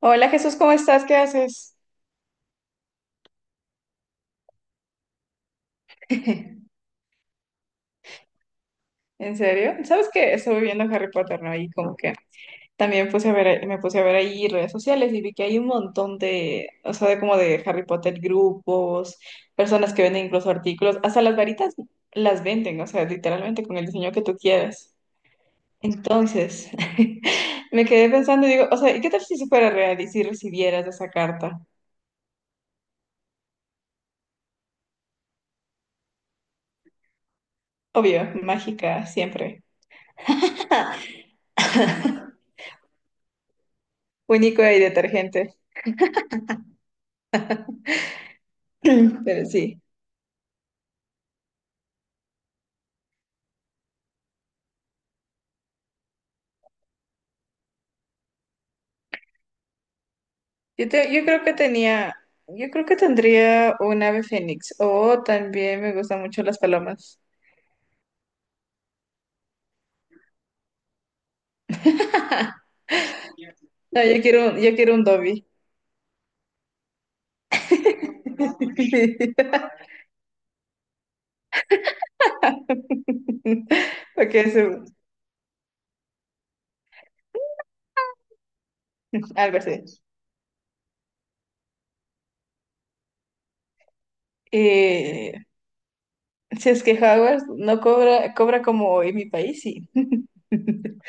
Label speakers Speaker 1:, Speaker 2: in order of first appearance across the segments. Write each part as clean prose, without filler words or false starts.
Speaker 1: Hola Jesús, ¿cómo estás? ¿Qué haces? ¿En serio? ¿Sabes qué? Estuve viendo Harry Potter, ¿no? Y como que también puse a ver, ahí- me puse a ver ahí redes sociales y vi que hay un montón de, o sea, de como de Harry Potter grupos, personas que venden incluso artículos, hasta las varitas las venden, o sea, literalmente con el diseño que tú quieras. Entonces, me quedé pensando y digo, o sea, ¿y qué tal si eso fuera real y si recibieras esa carta? Obvio, mágica, siempre. Único y detergente. Pero sí, yo creo que tenía, yo creo que tendría un ave fénix o también me gustan mucho las palomas. No, yo quiero un Dobby. Porque es un- algo así. Eh, si es que Hogwarts no cobra, cobra como en mi país, sí.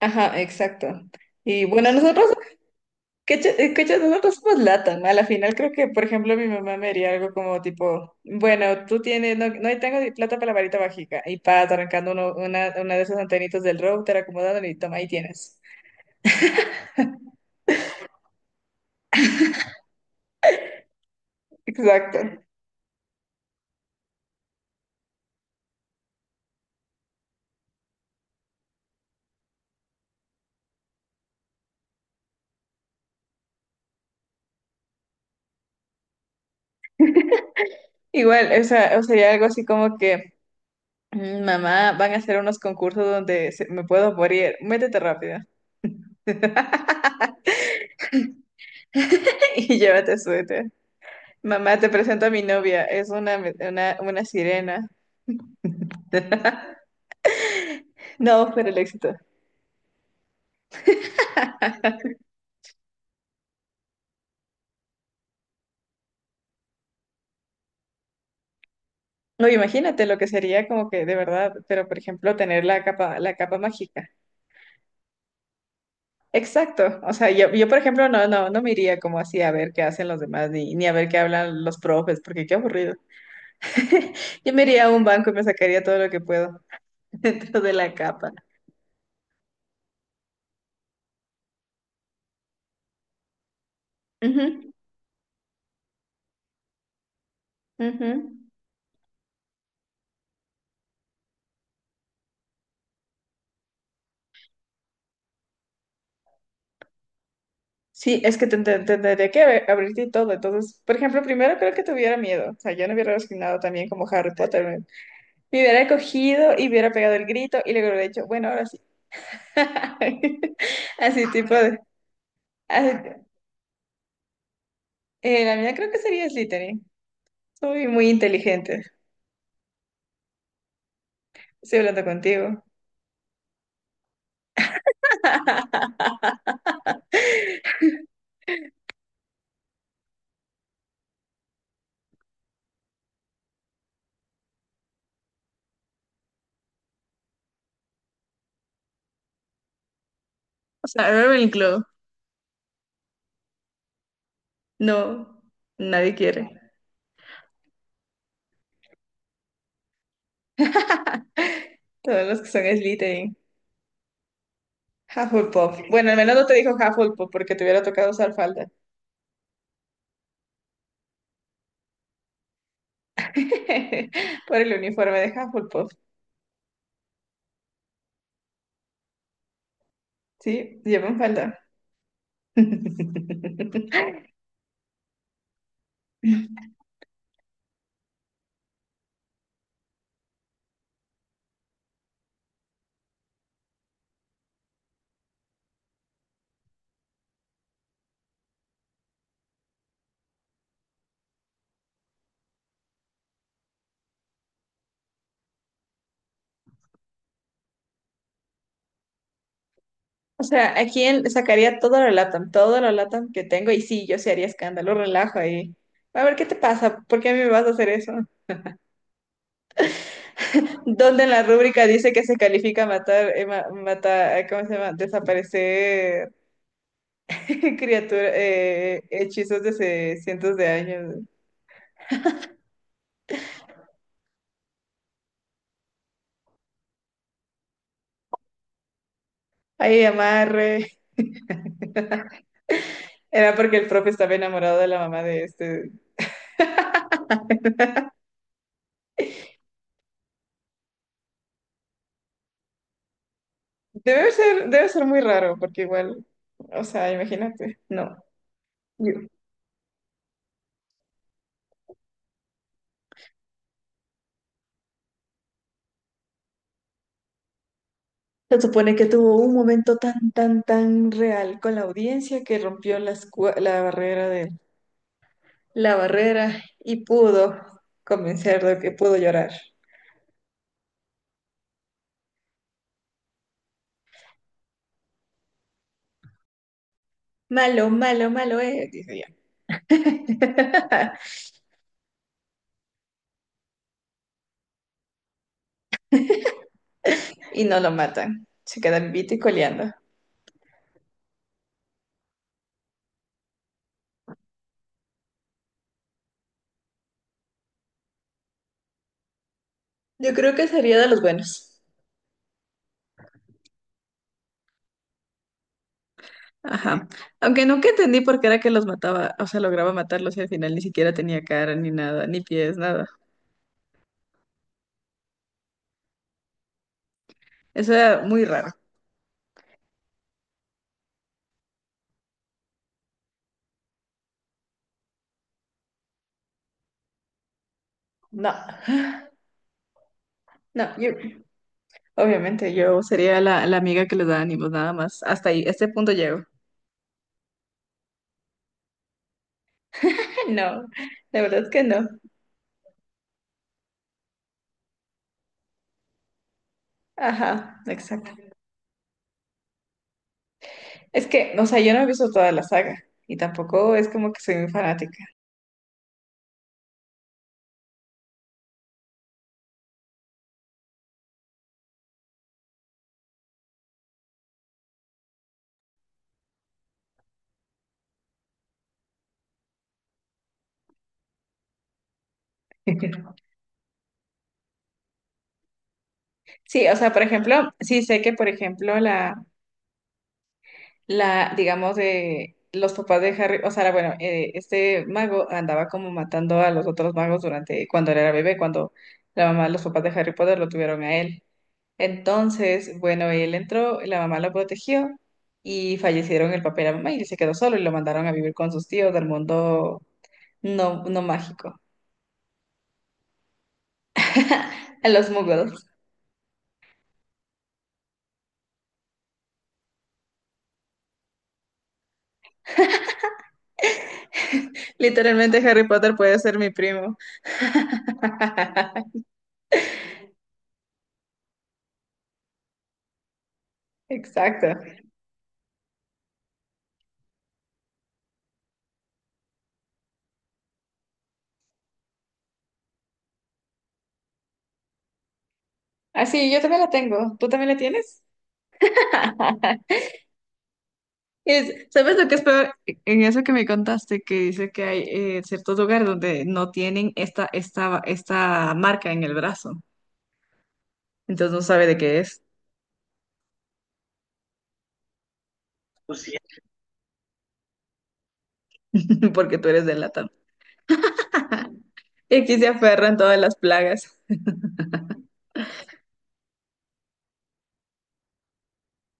Speaker 1: Ajá, exacto. Y bueno, nosotros cachas, nosotros somos LATAM. A la final creo que, por ejemplo, mi mamá me haría algo como tipo, bueno, tú tienes, no, no tengo ni plata para la varita mágica. Y pa, arrancando una de esas antenitas del router, acomodándole y toma, ahí tienes. Exacto. Igual, o sea, o sería algo así como que, "Mm, mamá, van a hacer unos concursos donde se- me puedo morir. Métete rápido y llévate suéter. Mamá, te presento a mi novia. Es una sirena. No, pero el éxito. No, imagínate lo que sería como que de verdad, pero por ejemplo tener la capa mágica. Exacto. O sea, yo por ejemplo no me iría como así a ver qué hacen los demás ni a ver qué hablan los profes, porque qué aburrido. Yo me iría a un banco y me sacaría todo lo que puedo dentro de la capa. Ujú, ujú. Sí, es que tendría que abrir- abrirte y todo. Entonces, por ejemplo, primero creo que tuviera miedo. O sea, yo no hubiera resignado también como Harry Potter. Me hubiera cogido y hubiera pegado el grito y luego hubiera dicho, bueno, ahora sí. Así tipo de... así- la mía creo que sería Slytherin. Soy muy inteligente. Estoy hablando contigo. O sea, Ravenclaw. No, nadie quiere. Todos los que son Slytherin. Hufflepuff. Bueno, al menos no te dijo Hufflepuff porque te hubiera tocado usar falda. Por el uniforme de Hufflepuff. Sí, llevan falda. O sea, aquí en- sacaría todo lo LATAM que tengo y sí, yo sí haría escándalo, relajo ahí. A ver, ¿qué te pasa? ¿Por qué a mí me vas a hacer eso? ¿Dónde en la rúbrica dice que se califica matar, ¿cómo se llama? Desaparecer criaturas, hechizos de hace cientos de años. Ahí amarre. Era porque el profe estaba enamorado de la mamá de este. Debe ser muy raro, porque igual, o sea, imagínate, no. Se supone que tuvo un momento tan real con la audiencia que rompió las cua- la, barrera de la barrera y pudo convencer de que pudo llorar. Malo, malo, malo es, dice yo. Y no lo matan. Se queda vivito y coleando. Yo creo que sería de los buenos. Ajá. Aunque nunca entendí por qué era que los mataba, o sea, lograba matarlos y al final ni siquiera tenía cara, ni nada, ni pies, nada. Eso era muy raro. No, no, yo, Obviamente, yo sería la amiga que les da ánimos, nada más. Hasta ahí, a este punto llego. No, la verdad es que no. Ajá, exacto. Es que, o sea, yo no he visto toda la saga y tampoco es como que soy muy fanática. Sí, o sea, por ejemplo, sí sé que, por ejemplo, la, digamos, de los papás de Harry, o sea, bueno, este mago andaba como matando a los otros magos durante, cuando él era bebé, cuando la mamá, los papás de Harry Potter lo tuvieron a él. Entonces, bueno, él entró, la mamá lo protegió y fallecieron el papá y la mamá y él se quedó solo y lo mandaron a vivir con sus tíos del mundo no mágico, a los muggles. Literalmente Harry Potter puede ser mi primo. Exacto. Así, yo también la tengo. ¿Tú también la tienes? Es- ¿sabes lo que es peor? En eso que me contaste, que dice que hay ciertos lugares donde no tienen esta marca en el brazo. Entonces no sabe de qué es, porque tú eres de la. Y aquí se aferran todas las plagas.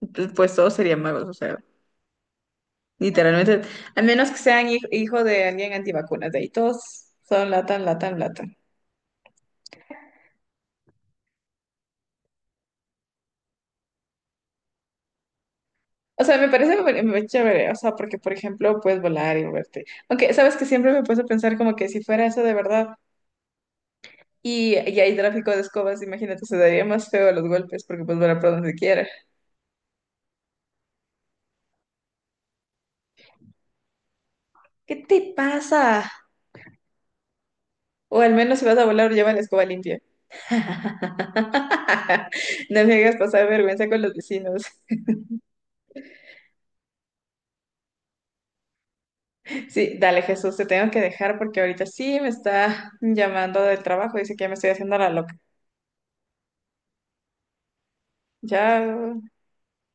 Speaker 1: Entonces, pues todos serían magos, o sea, literalmente, al menos que sean hij- hijo de alguien antivacunas, de ahí todos son latan, latan, latan. O sea, me parece muy- muy chévere, o sea, porque, por ejemplo, puedes volar y moverte. Aunque, sabes que siempre me puse a pensar como que si fuera eso de verdad y hay tráfico de escobas, imagínate, se daría más feo los golpes porque puedes volar por donde quiera. ¿Qué te pasa? O al menos si vas a volar, lleva la escoba limpia. No me hagas pasar vergüenza con los vecinos. Sí, dale Jesús, te tengo que dejar porque ahorita sí me está llamando del trabajo, dice que ya me estoy haciendo la loca. Ya